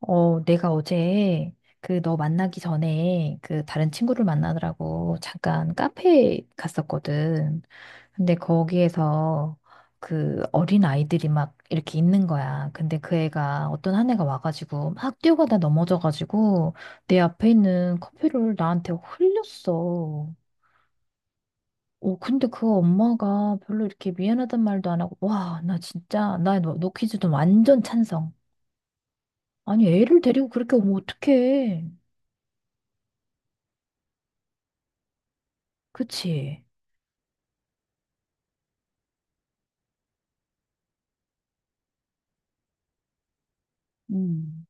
내가 어제 그 너 만나기 전에 그 다른 친구를 만나느라고 잠깐 카페에 갔었거든. 근데 거기에서 그 어린 아이들이 막 이렇게 있는 거야. 근데 그 애가 어떤 한 애가 와가지고 막 뛰어가다 넘어져가지고 내 앞에 있는 커피를 나한테 흘렸어. 근데 그 엄마가 별로 이렇게 미안하단 말도 안 하고, 와, 나 진짜, 나너 너너 퀴즈 좀 완전 찬성. 아니, 애를 데리고 그렇게 오면 어떡해. 그치. 음.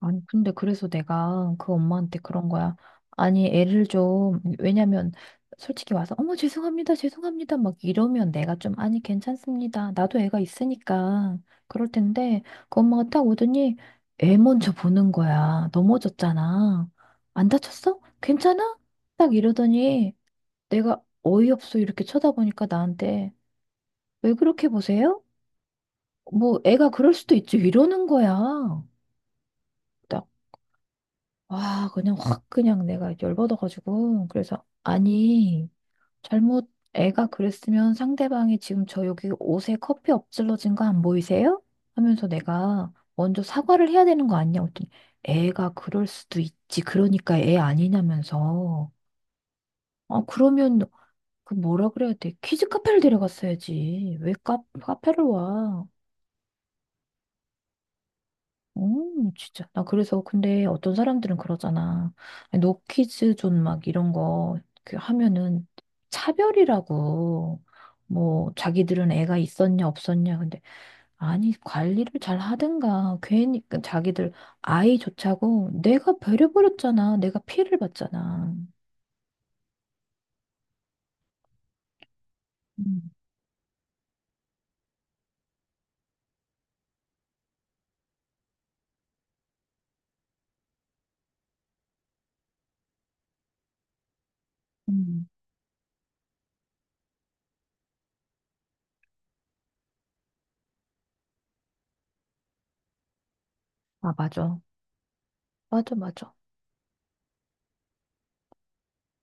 아니, 근데 그래서 내가 그 엄마한테 그런 거야. 아니, 애를 좀, 왜냐면, 솔직히 와서, 어머, 죄송합니다, 죄송합니다, 막 이러면 내가 좀, 아니, 괜찮습니다. 나도 애가 있으니까. 그럴 텐데, 그 엄마가 딱 오더니, 애 먼저 보는 거야. 넘어졌잖아. 안 다쳤어? 괜찮아? 딱 이러더니, 내가 어이없어, 이렇게 쳐다보니까 나한테, 왜 그렇게 보세요? 뭐, 애가 그럴 수도 있지, 이러는 거야. 와, 그냥 확 그냥 내가 열받아가지고. 그래서, 아니, 잘못 애가 그랬으면 상대방이 지금 저 여기 옷에 커피 엎질러진 거 안 보이세요? 하면서 내가 먼저 사과를 해야 되는 거 아니냐? 고랬더니 애가 그럴 수도 있지. 그러니까 애 아니냐면서. 아, 그러면 그 뭐라 그래야 돼? 키즈 카페를 데려갔어야지. 왜 카페를 와? 진짜. 나 그래서 근데 어떤 사람들은 그러잖아. 아니, 노키즈 존 막 이런 거그 하면은 차별이라고 뭐 자기들은 애가 있었냐 없었냐 근데 아니 관리를 잘 하든가 괜히 그 자기들 아이조차고 내가 배려버렸잖아. 내가 피해를 봤잖아. 음, 음. 아, 맞아. 맞아, 맞아.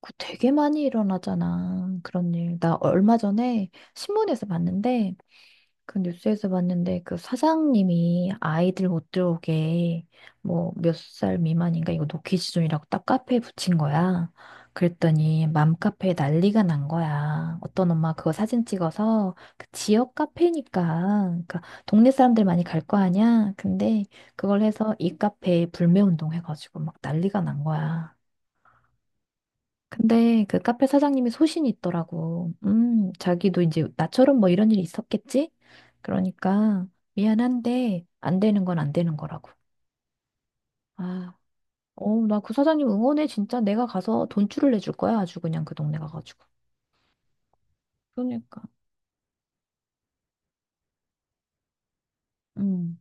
그 되게 많이 일어나잖아. 그런 일. 나 얼마 전에 신문에서 봤는데 그 뉴스에서 봤는데 그 사장님이 아이들 못 들어오게 뭐 몇 살 미만인가 이거 노키 지존이라고 딱 카페에 붙인 거야. 그랬더니 맘카페에 난리가 난 거야. 어떤 엄마 그거 사진 찍어서 그 지역 카페니까 그러니까 동네 사람들 많이 갈 거 아니야. 근데 그걸 해서 이 카페에 불매운동 해가지고 막 난리가 난 거야. 근데 그 카페 사장님이 소신이 있더라고. 자기도 이제 나처럼 뭐 이런 일이 있었겠지? 그러니까 미안한데 안 되는 건 안 되는 거라고. 아, 어, 나 그 사장님 응원해. 진짜 내가 가서 돈줄을 내줄 거야. 아주 그냥 그 동네 가가지고. 그러니까. 음,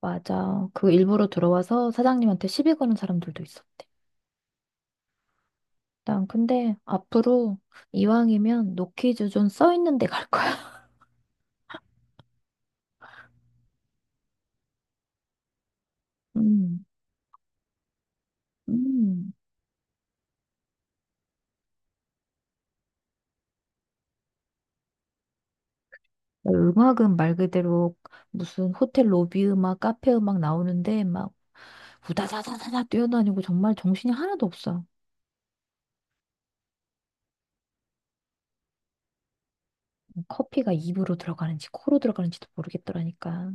맞아. 그 일부러 들어와서 사장님한테 시비 거는 사람들도 있었대. 난 근데 앞으로 이왕이면 노키즈 존 써 있는 데 갈 거야. 음, 음. 음악은 말 그대로 무슨 호텔 로비 음악, 카페 음악 나오는데 막 우다다다다다 뛰어다니고 정말 정신이 하나도 없어. 뭐 커피가 입으로 들어가는지 코로 들어가는지도 모르겠더라니까.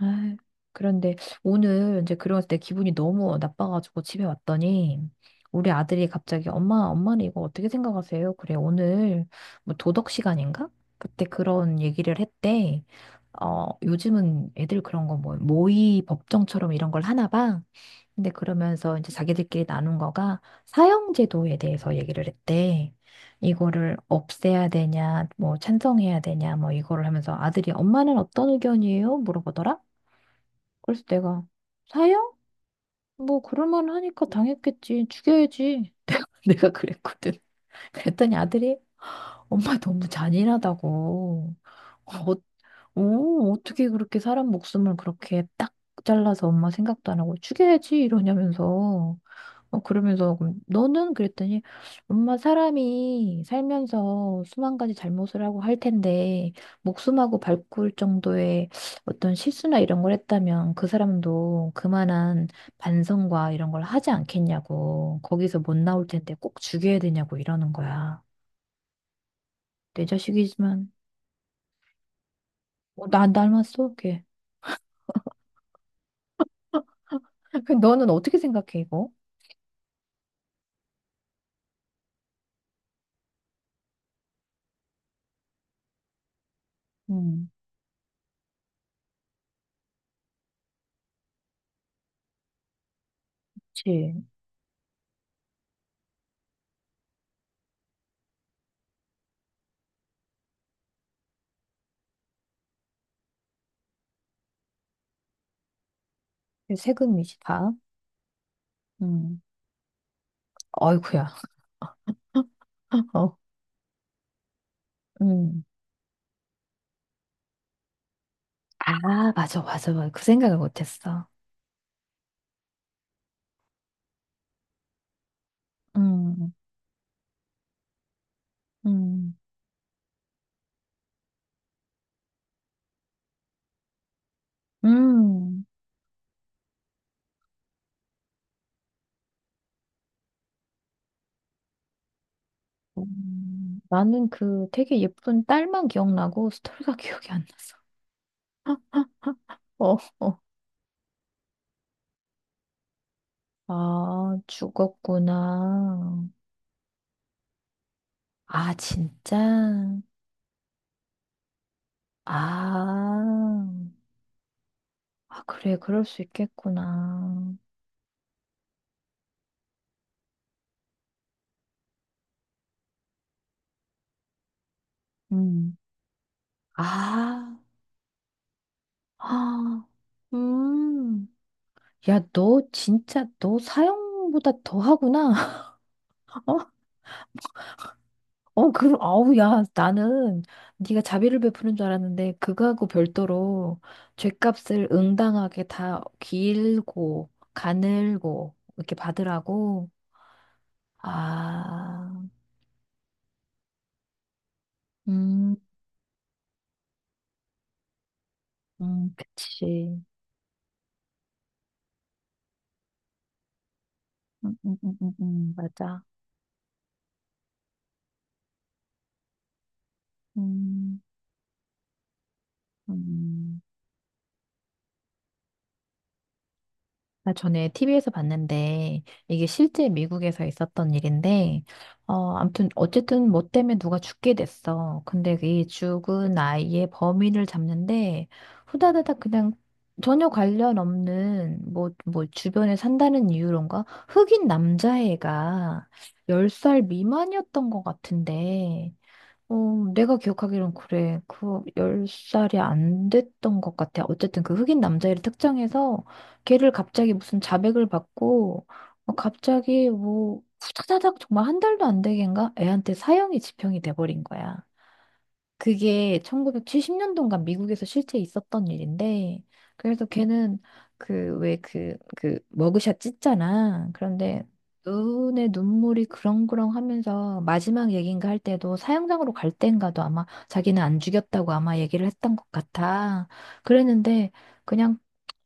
아유, 그런데 오늘 이제 그러고 내 기분이 너무 나빠가지고 집에 왔더니 우리 아들이 갑자기 엄마, 엄마는 이거 어떻게 생각하세요? 그래, 오늘 뭐 도덕 시간인가? 그때 그런 얘기를 했대. 어, 요즘은 애들 그런 거 뭐 모의 법정처럼 이런 걸 하나 봐. 근데 그러면서 이제 자기들끼리 나눈 거가 사형제도에 대해서 얘기를 했대. 이거를 없애야 되냐, 뭐 찬성해야 되냐, 뭐 이거를 하면서 아들이 엄마는 어떤 의견이에요? 물어보더라. 그래서 내가 사형? 뭐 그럴만 하니까 당했겠지. 죽여야지. 내가 그랬거든. 그랬더니 아들이 엄마 너무 잔인하다고. 아, 어, 오, 어떻게 그렇게 사람 목숨을 그렇게 딱 잘라서 엄마 생각도 안 하고 죽여야지 이러냐면서 그러면서 그럼 너는 그랬더니 엄마 사람이 살면서 수만 가지 잘못을 하고 할 텐데 목숨하고 발꿀 정도의 어떤 실수나 이런 걸 했다면 그 사람도 그만한 반성과 이런 걸 하지 않겠냐고 거기서 못 나올 텐데 꼭 죽여야 되냐고 이러는 거야. 내 자식이지만 어, 나 닮았어 걔. 그럼 너는 어떻게 생각해, 이거? 음, 그치. 세금이지, 다. 음, 어이구야. 어. 음, 아, 맞아, 맞아, 맞아. 그 생각을 못했어. 음, 음, 음. 나는 그 되게 예쁜 딸만 기억나고 스토리가 기억이 안 나서. 어, 어. 아, 죽었구나. 아, 진짜? 아, 아, 그래, 그럴 수 있겠구나. 음. 아. 아, 음. 야, 너 진짜 너 사형보다 더 하구나. 어, 어, 그럼 아우 야, 나는 네가 자비를 베푸는 줄 알았는데 그거하고 별도로 죗값을 응당하게 다 길고 가늘고 이렇게 받으라고. 아, 음, 그치. 맞아. 음, 음. 나 전에 TV에서 봤는데 이게 실제 미국에서 있었던 일인데 어 아무튼 어쨌든 뭐 때문에 누가 죽게 됐어. 근데 이 죽은 아이의 범인을 잡는데 후다다닥 그냥 전혀 관련 없는 뭐 주변에 산다는 이유론가 흑인 남자애가 10살 미만이었던 것 같은데 어, 내가 기억하기론 그래. 그 10살이 안 됐던 것 같아. 어쨌든 그 흑인 남자애를 특정해서 걔를 갑자기 무슨 자백을 받고 어, 갑자기 뭐 후다다닥 정말 한 달도 안 되겠는가? 애한테 사형이 집행이 돼버린 거야. 그게 1970년도인가 미국에서 실제 있었던 일인데, 그래서 걔는 머그샷 찢잖아. 그런데 눈에 눈물이 그렁그렁 하면서 마지막 얘기인가 할 때도 사형장으로 갈 때인가도 아마 자기는 안 죽였다고 아마 얘기를 했던 것 같아. 그랬는데, 그냥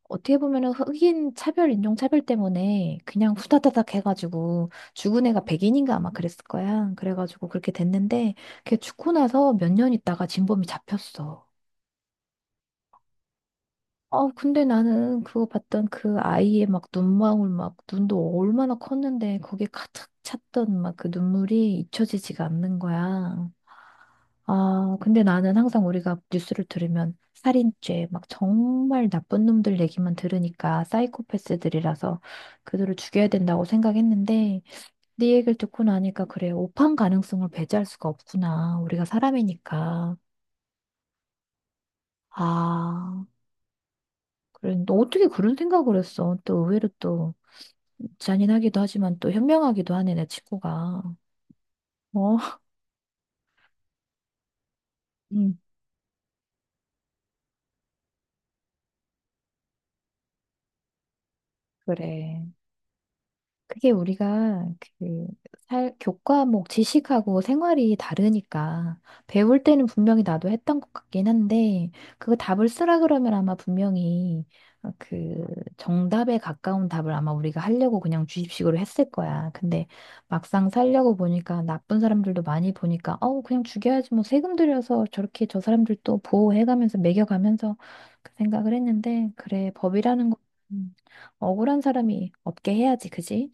어떻게 보면은 흑인 차별, 인종 차별 때문에 그냥 후다다닥 해가지고 죽은 애가 백인인가 아마 그랬을 거야. 그래가지고 그렇게 됐는데 걔 죽고 나서 몇 년 있다가 진범이 잡혔어. 어, 근데 나는 그거 봤던 그 아이의 막 눈망울 막 눈도 얼마나 컸는데 거기에 가득 찼던 막 그 눈물이 잊혀지지가 않는 거야. 아, 근데 나는 항상 우리가 뉴스를 들으면 살인죄, 막 정말 나쁜 놈들 얘기만 들으니까 사이코패스들이라서 그들을 죽여야 된다고 생각했는데 네 얘기를 듣고 나니까 그래, 오판 가능성을 배제할 수가 없구나. 우리가 사람이니까. 아, 그래. 너 어떻게 그런 생각을 했어? 또 의외로 또 잔인하기도 하지만 또 현명하기도 하네, 내 친구가. 어, 음. 그래. 그게 우리가 그 살, 교과목 지식하고 생활이 다르니까 배울 때는 분명히 나도 했던 것 같긴 한데 그거 답을 쓰라 그러면 아마 분명히 그 정답에 가까운 답을 아마 우리가 하려고 그냥 주입식으로 했을 거야. 근데 막상 살려고 보니까 나쁜 사람들도 많이 보니까 어 그냥 죽여야지 뭐 세금 들여서 저렇게 저 사람들 또 보호해가면서 매겨가면서 그 생각을 했는데 그래 법이라는 거 억울한 사람이 없게 해야지 그지?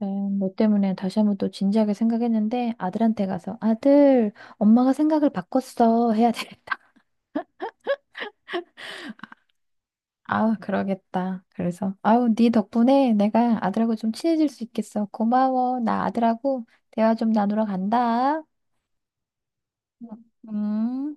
네, 너 때문에 다시 한번 또 진지하게 생각했는데 아들한테 가서 아들, 엄마가 생각을 바꿨어 해야 되겠다. 아 그러겠다. 그래서 아우, 네 덕분에 내가 아들하고 좀 친해질 수 있겠어. 고마워. 나 아들하고 대화 좀 나누러 간다. 음.